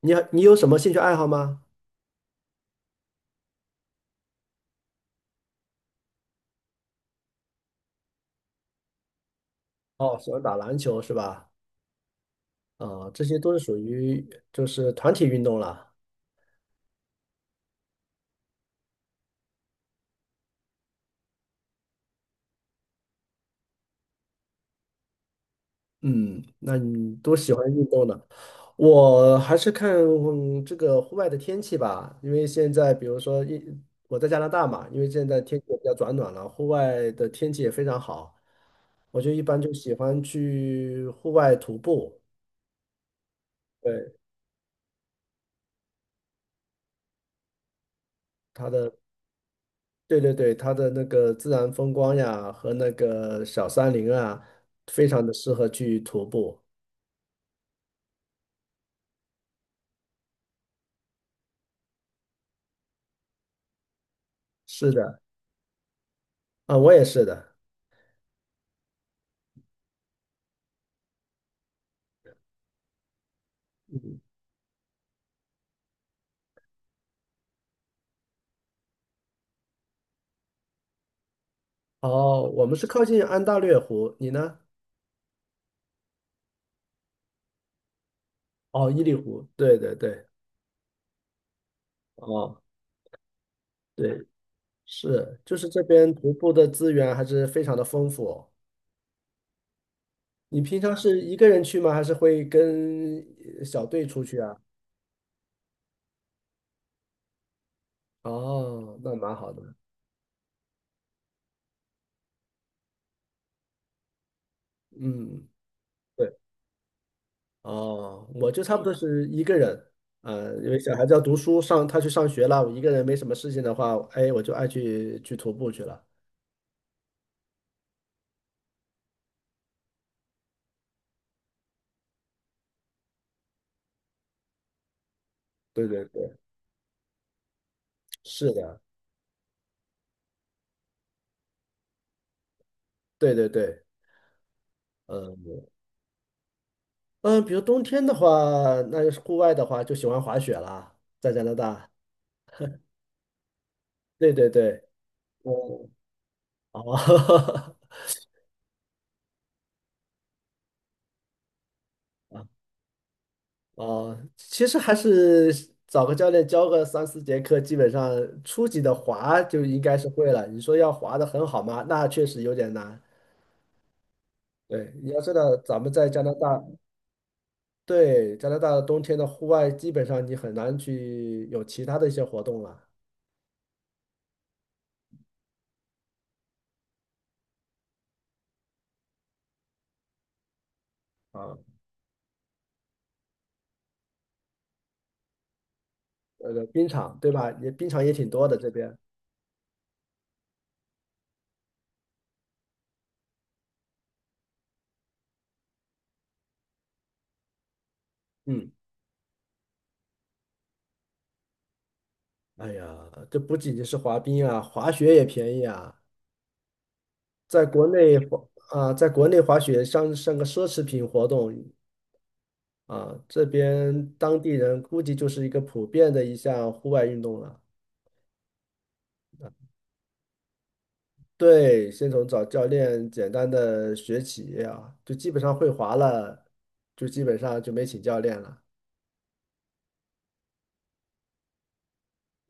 你有什么兴趣爱好吗？哦，喜欢打篮球是吧？啊，这些都是属于就是团体运动了。嗯，那你都喜欢运动呢？我还是看这个户外的天气吧，因为现在比如说我在加拿大嘛，因为现在天气也比较转暖了，户外的天气也非常好，我就一般就喜欢去户外徒步。对，它的对对对，它的那个自然风光呀和那个小山林啊，非常的适合去徒步。是的，啊，我也是的。哦，我们是靠近安大略湖，你呢？哦，伊犁湖。对对对，哦，对，是，就是这边徒步的资源还是非常的丰富哦。你平常是一个人去吗？还是会跟小队出去啊？哦，那蛮好的。嗯，对。哦，我就差不多是一个人，呃，因为小孩子要读书，上他去上学了，我一个人没什么事情的话，哎，我就爱去徒步去了。对对对，是的，对对对，嗯嗯，比如冬天的话，那就是户外的话，就喜欢滑雪啦，在加拿大。对对对，我哦 哦，其实还是找个教练教个3、4节课，基本上初级的滑就应该是会了。你说要滑的很好吗？那确实有点难。对，你要知道，咱们在加拿大，对，加拿大的冬天的户外，基本上你很难去有其他的一些活动了啊。那个冰场，对吧？也冰场也挺多的这边。嗯，哎呀，这不仅仅是滑冰啊，滑雪也便宜啊。在国内滑啊，在国内滑雪像个奢侈品活动啊，这边当地人估计就是一个普遍的一项户外运动了。对，先从找教练简单的学起啊，就基本上会滑了，就基本上就没请教练了。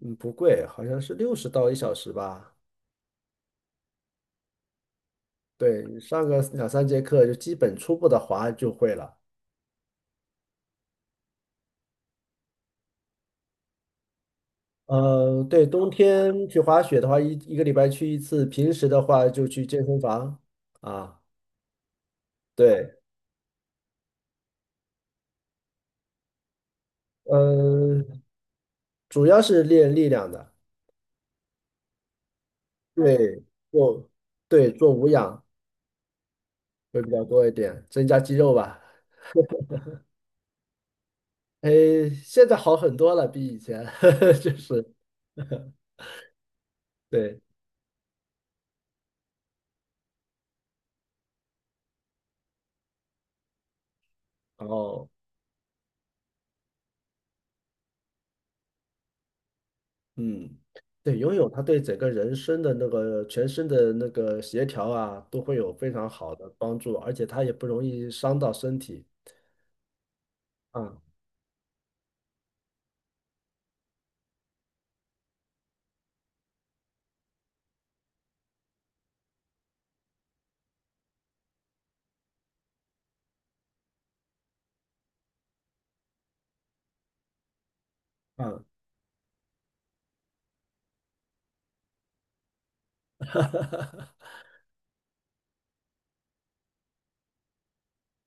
嗯，不贵，好像是60到一小时吧。对，你上个2、3节课就基本初步的滑就会了。嗯，对，冬天去滑雪的话，一个礼拜去一次，平时的话就去健身房啊。对，嗯，主要是练力量的，对，做对做无氧会比较多一点，增加肌肉吧。哎，现在好很多了，比以前，就是对，然后嗯，对，游泳它对整个人生的那个全身的那个协调啊，都会有非常好的帮助，而且它也不容易伤到身体。嗯嗯，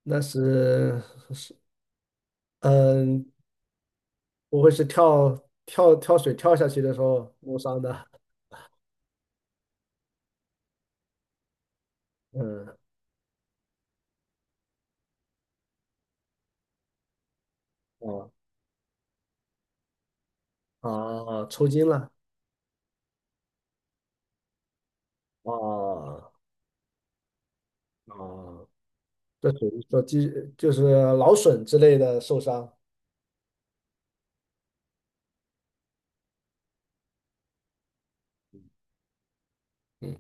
那是嗯，不会是跳水跳下去的时候弄伤的。嗯，哦哦，抽筋了。哦哦，这属于说就是劳损之类的受伤。嗯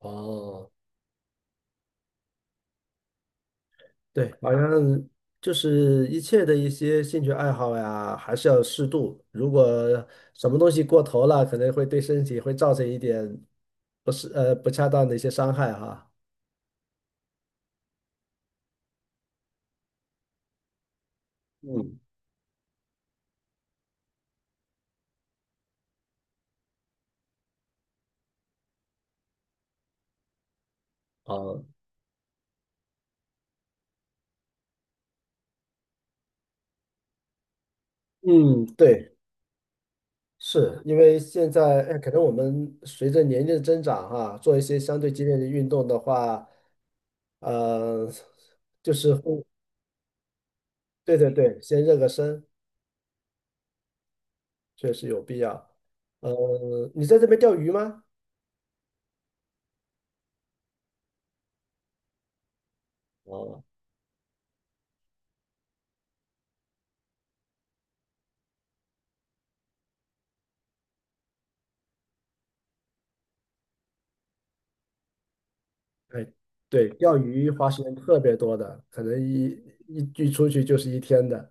哦，对，好像就是一切的一些兴趣爱好呀，还是要适度。如果什么东西过头了，可能会对身体会造成一点不是不恰当的一些伤害哈。嗯，哦，嗯，对，是因为现在，哎，可能我们随着年龄的增长哈，做一些相对激烈的运动的话，呃，就是会对对对，先热个身，确实有必要。你在这边钓鱼吗？哦，对对，钓鱼、滑行特别多的，可能一出去就是一天的。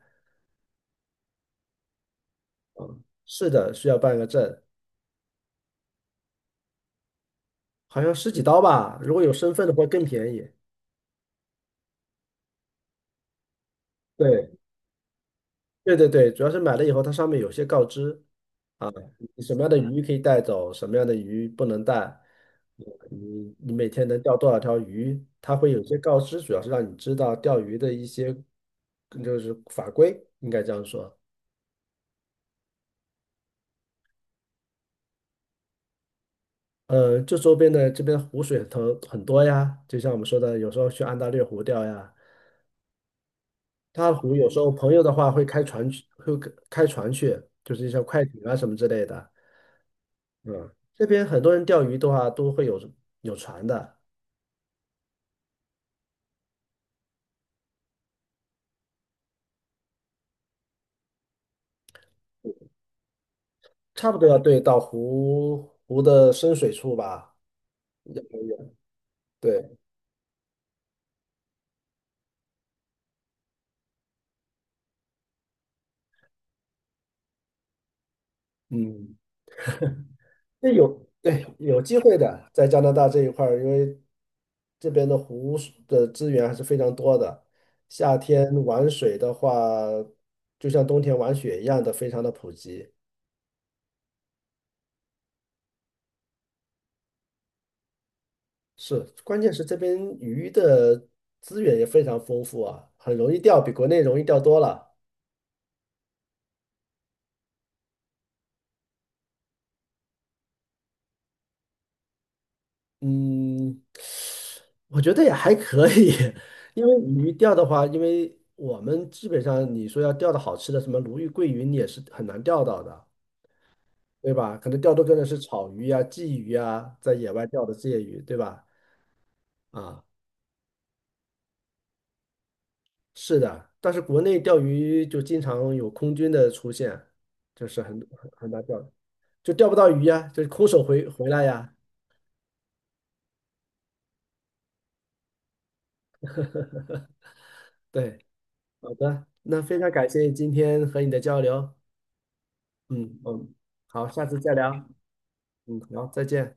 是的，需要办个证，好像十几刀吧。如果有身份的话更便宜。对对对对，主要是买了以后，它上面有些告知啊，你什么样的鱼可以带走，什么样的鱼不能带，你每天能钓多少条鱼，它会有些告知，主要是让你知道钓鱼的一些就是法规，应该这样说。这周边的这边湖水很多呀，就像我们说的，有时候去安大略湖钓呀，大湖有时候朋友的话会开船去，会开船去，就是一些快艇啊什么之类的。嗯，这边很多人钓鱼的话都会有船的，差不多要对到湖的深水处吧。对，嗯。这有，对，有机会的，在加拿大这一块儿，因为这边的湖水的资源还是非常多的。夏天玩水的话，就像冬天玩雪一样的，非常的普及。是，关键是这边鱼的资源也非常丰富啊，很容易钓，比国内容易钓多了。嗯，我觉得也还可以，因为鱼钓的话，因为我们基本上你说要钓的好吃的，什么鲈鱼、桂鱼，你也是很难钓到的。对吧？可能钓多更的是草鱼呀、鲫鱼呀，在野外钓的这些鱼，对吧？啊，是的，但是国内钓鱼就经常有空军的出现，就是很难钓，就钓不到鱼呀，就是空手回来呀。对，好的，那非常感谢今天和你的交流，嗯嗯，好，下次再聊，嗯，好，再见。